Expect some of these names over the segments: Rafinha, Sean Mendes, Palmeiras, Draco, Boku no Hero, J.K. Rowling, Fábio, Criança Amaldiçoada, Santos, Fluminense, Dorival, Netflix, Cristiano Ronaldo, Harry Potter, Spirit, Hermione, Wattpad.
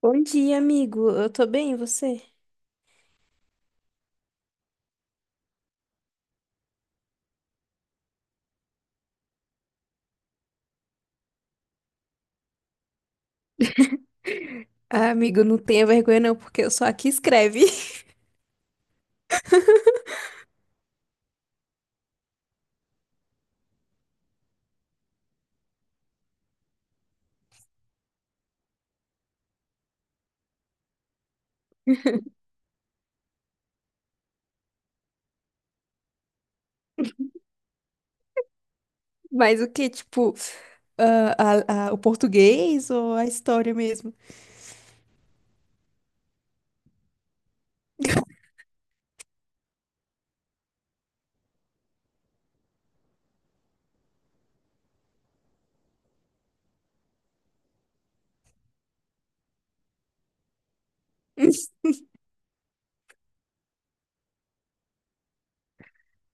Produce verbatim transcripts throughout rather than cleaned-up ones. Bom dia, amigo. Eu tô bem, e você? Ah, amigo, não tenha vergonha não, porque eu sou a que escreve. Mas o que, tipo, ah, a- a- o português ou a história mesmo?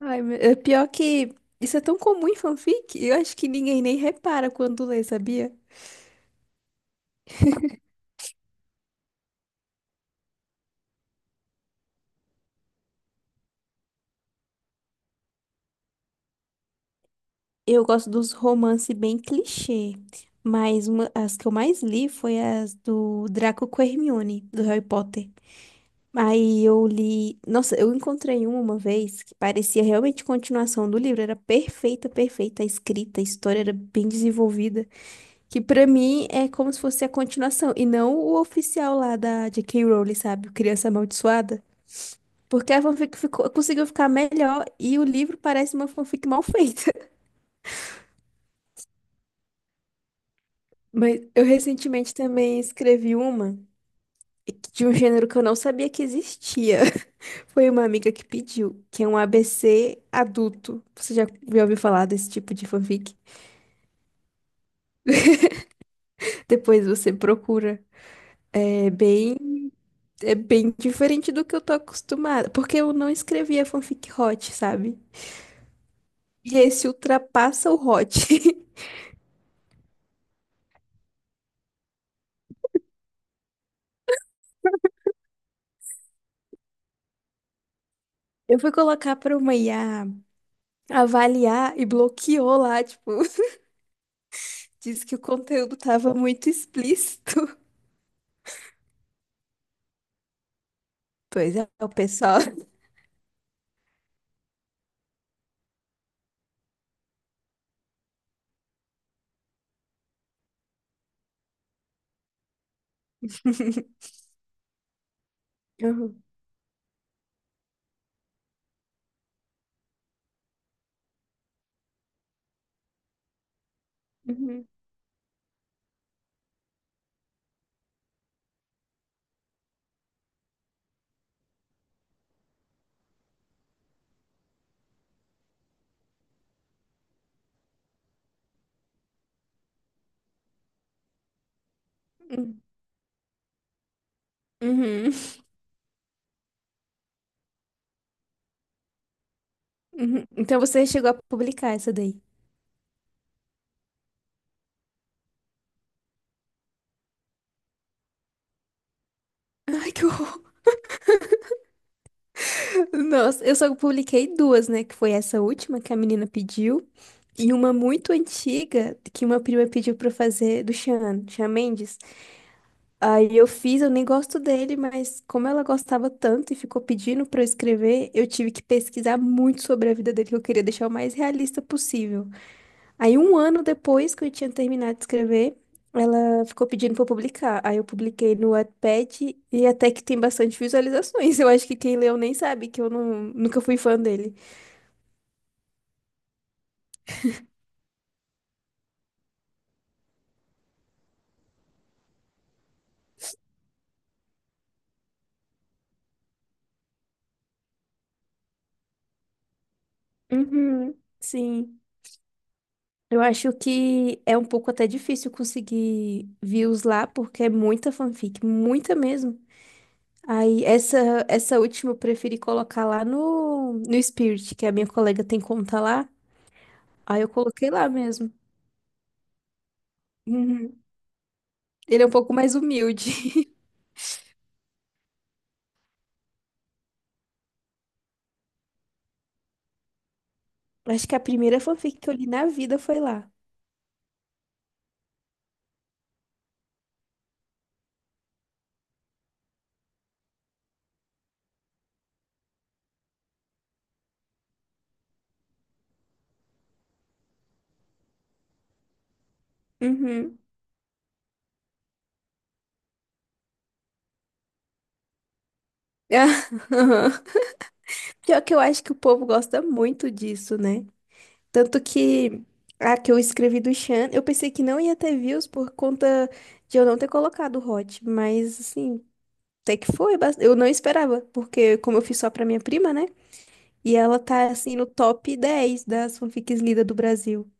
Ai, meu- é pior que isso é tão comum em fanfic, eu acho que ninguém nem repara quando lê, sabia? Eu gosto dos romances bem clichê, mas uma- as que eu mais li foi as do Draco com Hermione, do Harry Potter. Aí eu li. Nossa, eu encontrei uma uma vez que parecia realmente continuação do livro. Era perfeita, perfeita a escrita, a história era bem desenvolvida. Que pra mim é como se fosse a continuação. E não o oficial lá da jota ká. Rowling, sabe? o Criança Amaldiçoada. Porque a fanfic ficou- conseguiu ficar melhor e o livro parece uma fanfic mal feita. Mas eu recentemente também escrevi uma. de um gênero que eu não sabia que existia. Foi uma amiga que pediu, que é um A B C adulto. Você já, já ouviu falar desse tipo de fanfic? Depois você procura. É bem, é bem diferente do que eu tô acostumada, porque eu não escrevia fanfic hot, sabe? E esse ultrapassa o hot. Eu fui colocar pra uma I A avaliar e bloqueou lá, tipo, disse que o conteúdo tava muito explícito. Pois é, o pessoal. Uhum. Uhum. Uhum, uhum. Então você chegou a publicar essa daí. Ai, que horror. Nossa, eu só publiquei duas, né? Que foi essa última que a menina pediu. E uma muito antiga que uma prima pediu pra eu fazer do Sean, Sean Mendes. Aí eu fiz, eu nem gosto dele, mas como ela gostava tanto e ficou pedindo pra eu escrever, eu tive que pesquisar muito sobre a vida dele, que eu queria deixar o mais realista possível. Aí, um ano depois que eu tinha terminado de escrever, ela ficou pedindo pra eu publicar. Aí, eu publiquei no Wattpad e até que tem bastante visualizações. Eu acho que quem leu nem sabe que eu não, nunca fui fã dele. Uhum. Sim. Eu acho que é um pouco até difícil conseguir views lá, porque é muita fanfic, muita mesmo. Aí, essa, essa última eu preferi colocar lá no, no Spirit, que a minha colega tem conta lá. Aí, eu coloquei lá mesmo. Uhum. Ele é um pouco mais humilde. Acho que a primeira fanfic que eu li na vida foi lá. Uhum. Pior que eu acho que o povo gosta muito disso, né? Tanto que a que eu escrevi do Chan, eu pensei que não ia ter views por conta de eu não ter colocado o Hot, mas assim, até que foi, bas- eu não esperava, porque como eu fiz só pra minha prima, né? E ela tá assim no top dez das fanfics lidas do Brasil.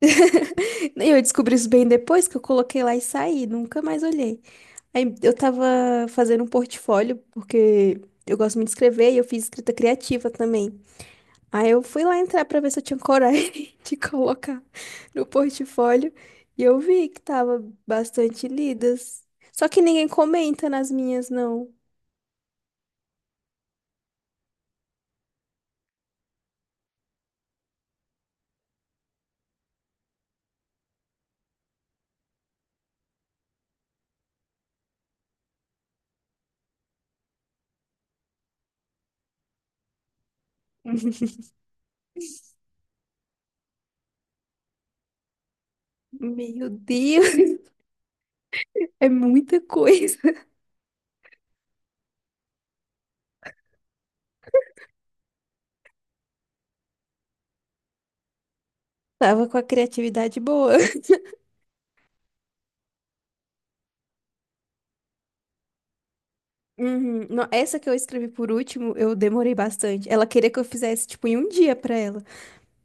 E eu descobri isso bem depois que eu coloquei lá e saí, nunca mais olhei. Aí eu tava fazendo um portfólio, porque eu gosto muito de escrever e eu fiz escrita criativa também. Aí eu fui lá entrar pra ver se eu tinha coragem de colocar no portfólio e eu vi que tava bastante lidas. Só que ninguém comenta nas minhas, não. Meu Deus, é muita coisa. Tava com a criatividade boa. Uhum. Não, essa que eu escrevi por último, eu demorei bastante. Ela queria que eu fizesse, tipo, em um dia pra ela.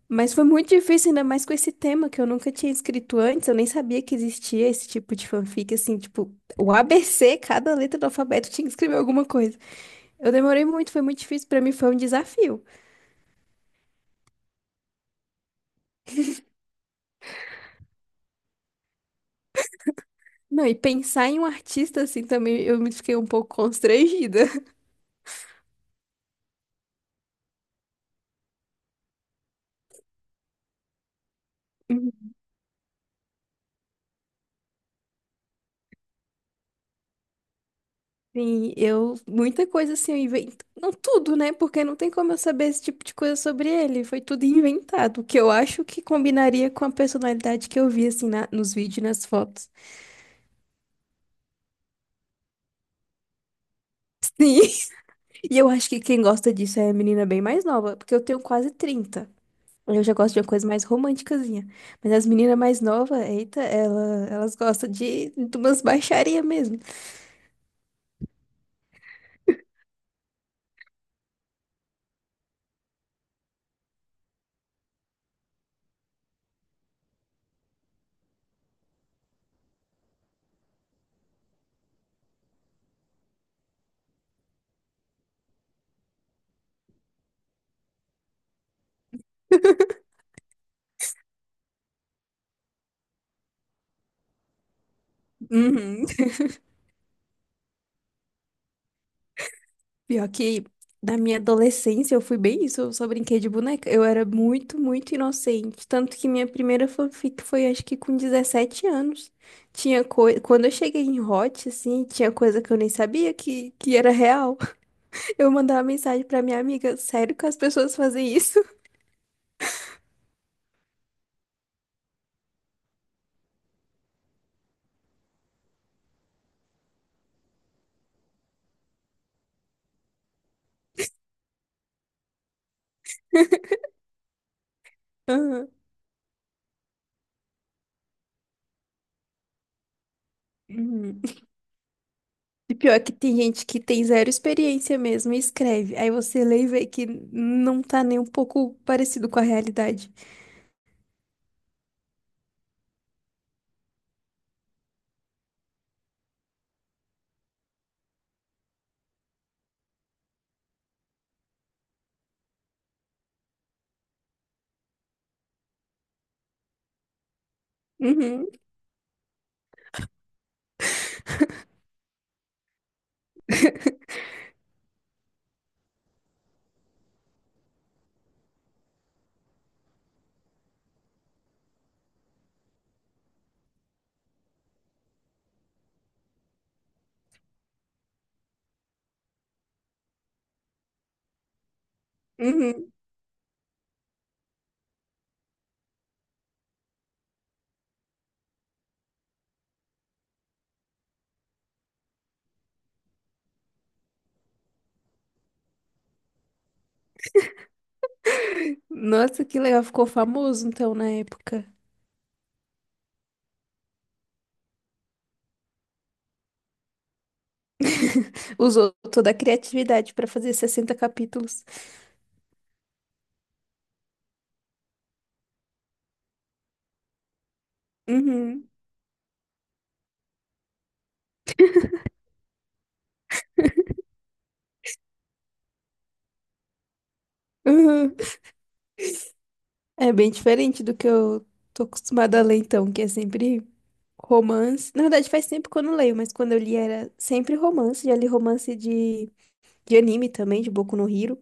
Mas foi muito difícil, ainda mais com esse tema que eu nunca tinha escrito antes, eu nem sabia que existia esse tipo de fanfic, assim, tipo, o A B C, cada letra do alfabeto tinha que escrever alguma coisa. Eu demorei muito, foi muito difícil, pra mim foi um desafio. Não, e pensar em um artista, assim, também eu me fiquei um pouco constrangida. Sim, eu, muita coisa assim, eu invento, não tudo, né? Porque não tem como eu saber esse tipo de coisa sobre ele, foi tudo inventado, o que eu acho que combinaria com a personalidade que eu vi, assim, na- nos vídeos, e nas fotos. Sim. E eu acho que quem gosta disso é a menina bem mais nova, porque eu tenho quase trinta Eu já gosto de uma coisa mais românticazinha. Mas as meninas mais novas, eita, ela, elas gostam de, de umas baixaria mesmo. Uhum. Pior que na minha adolescência eu fui bem isso, eu só brinquei de boneca. Eu era muito, muito inocente. Tanto que minha primeira fanfic foi acho que com dezessete anos. Tinha coisa. Quando eu cheguei em Hot, assim, tinha coisa que eu nem sabia que, que era real. Eu mandar uma mensagem pra minha amiga, sério que as pessoas fazem isso? Aham. Uhum. E pior que tem gente que tem zero experiência mesmo e escreve. Aí você lê e vê que não tá nem um pouco parecido com a realidade. Uhum. Uhum. Nossa, que legal, ficou famoso então na época. Usou toda a criatividade pra fazer sessenta capítulos. Uhum. Uhum. É bem diferente do que eu tô acostumada a ler então, que é sempre Romance. Na verdade, faz tempo que eu não leio, mas quando eu li era sempre romance. Já li romance de, de anime também, de Boku no Hero.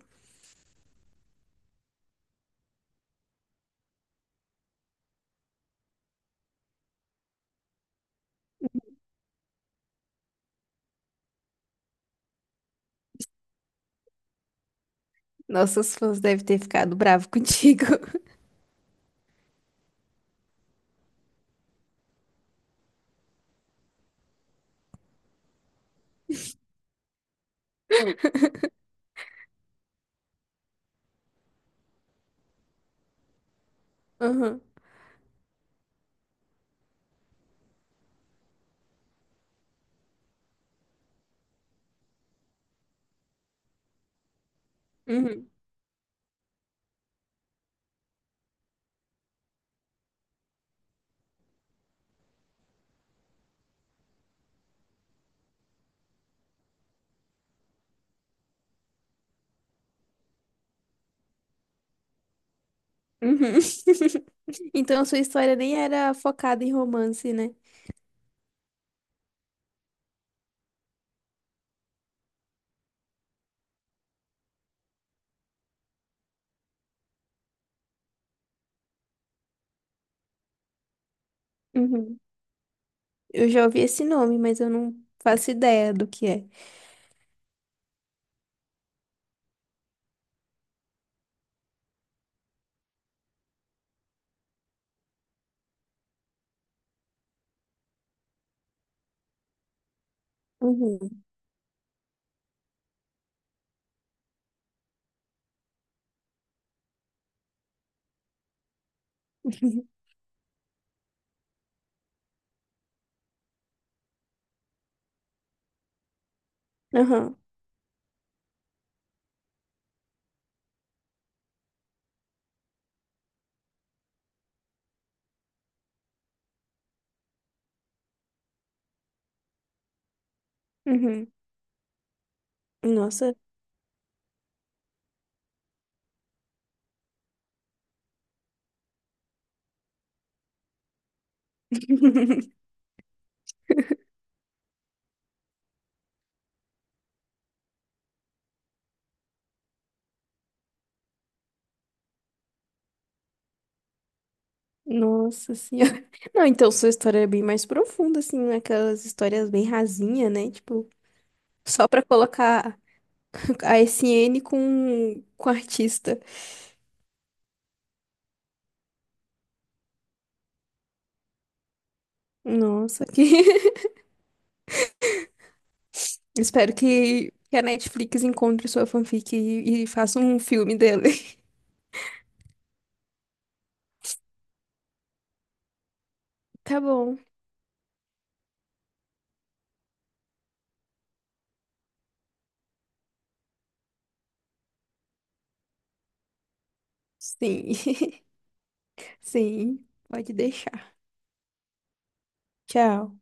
Nossos fãs devem ter ficado bravo contigo. Aham. Uhum. Uhum. Então, a sua história nem era focada em romance, né? Uhum. Eu já ouvi esse nome, mas eu não faço ideia do que é. Uhum. Aham. Uhum. Nossa. Nossa senhora. Não, então sua história é bem mais profunda, assim, né? aquelas histórias bem rasinha, né? Tipo, só pra colocar a S N com, com artista. Nossa, que... Espero que, que a Netflix encontre sua fanfic e, e faça um filme dele. Tá bom. Sim. Sim, pode deixar. Tchau.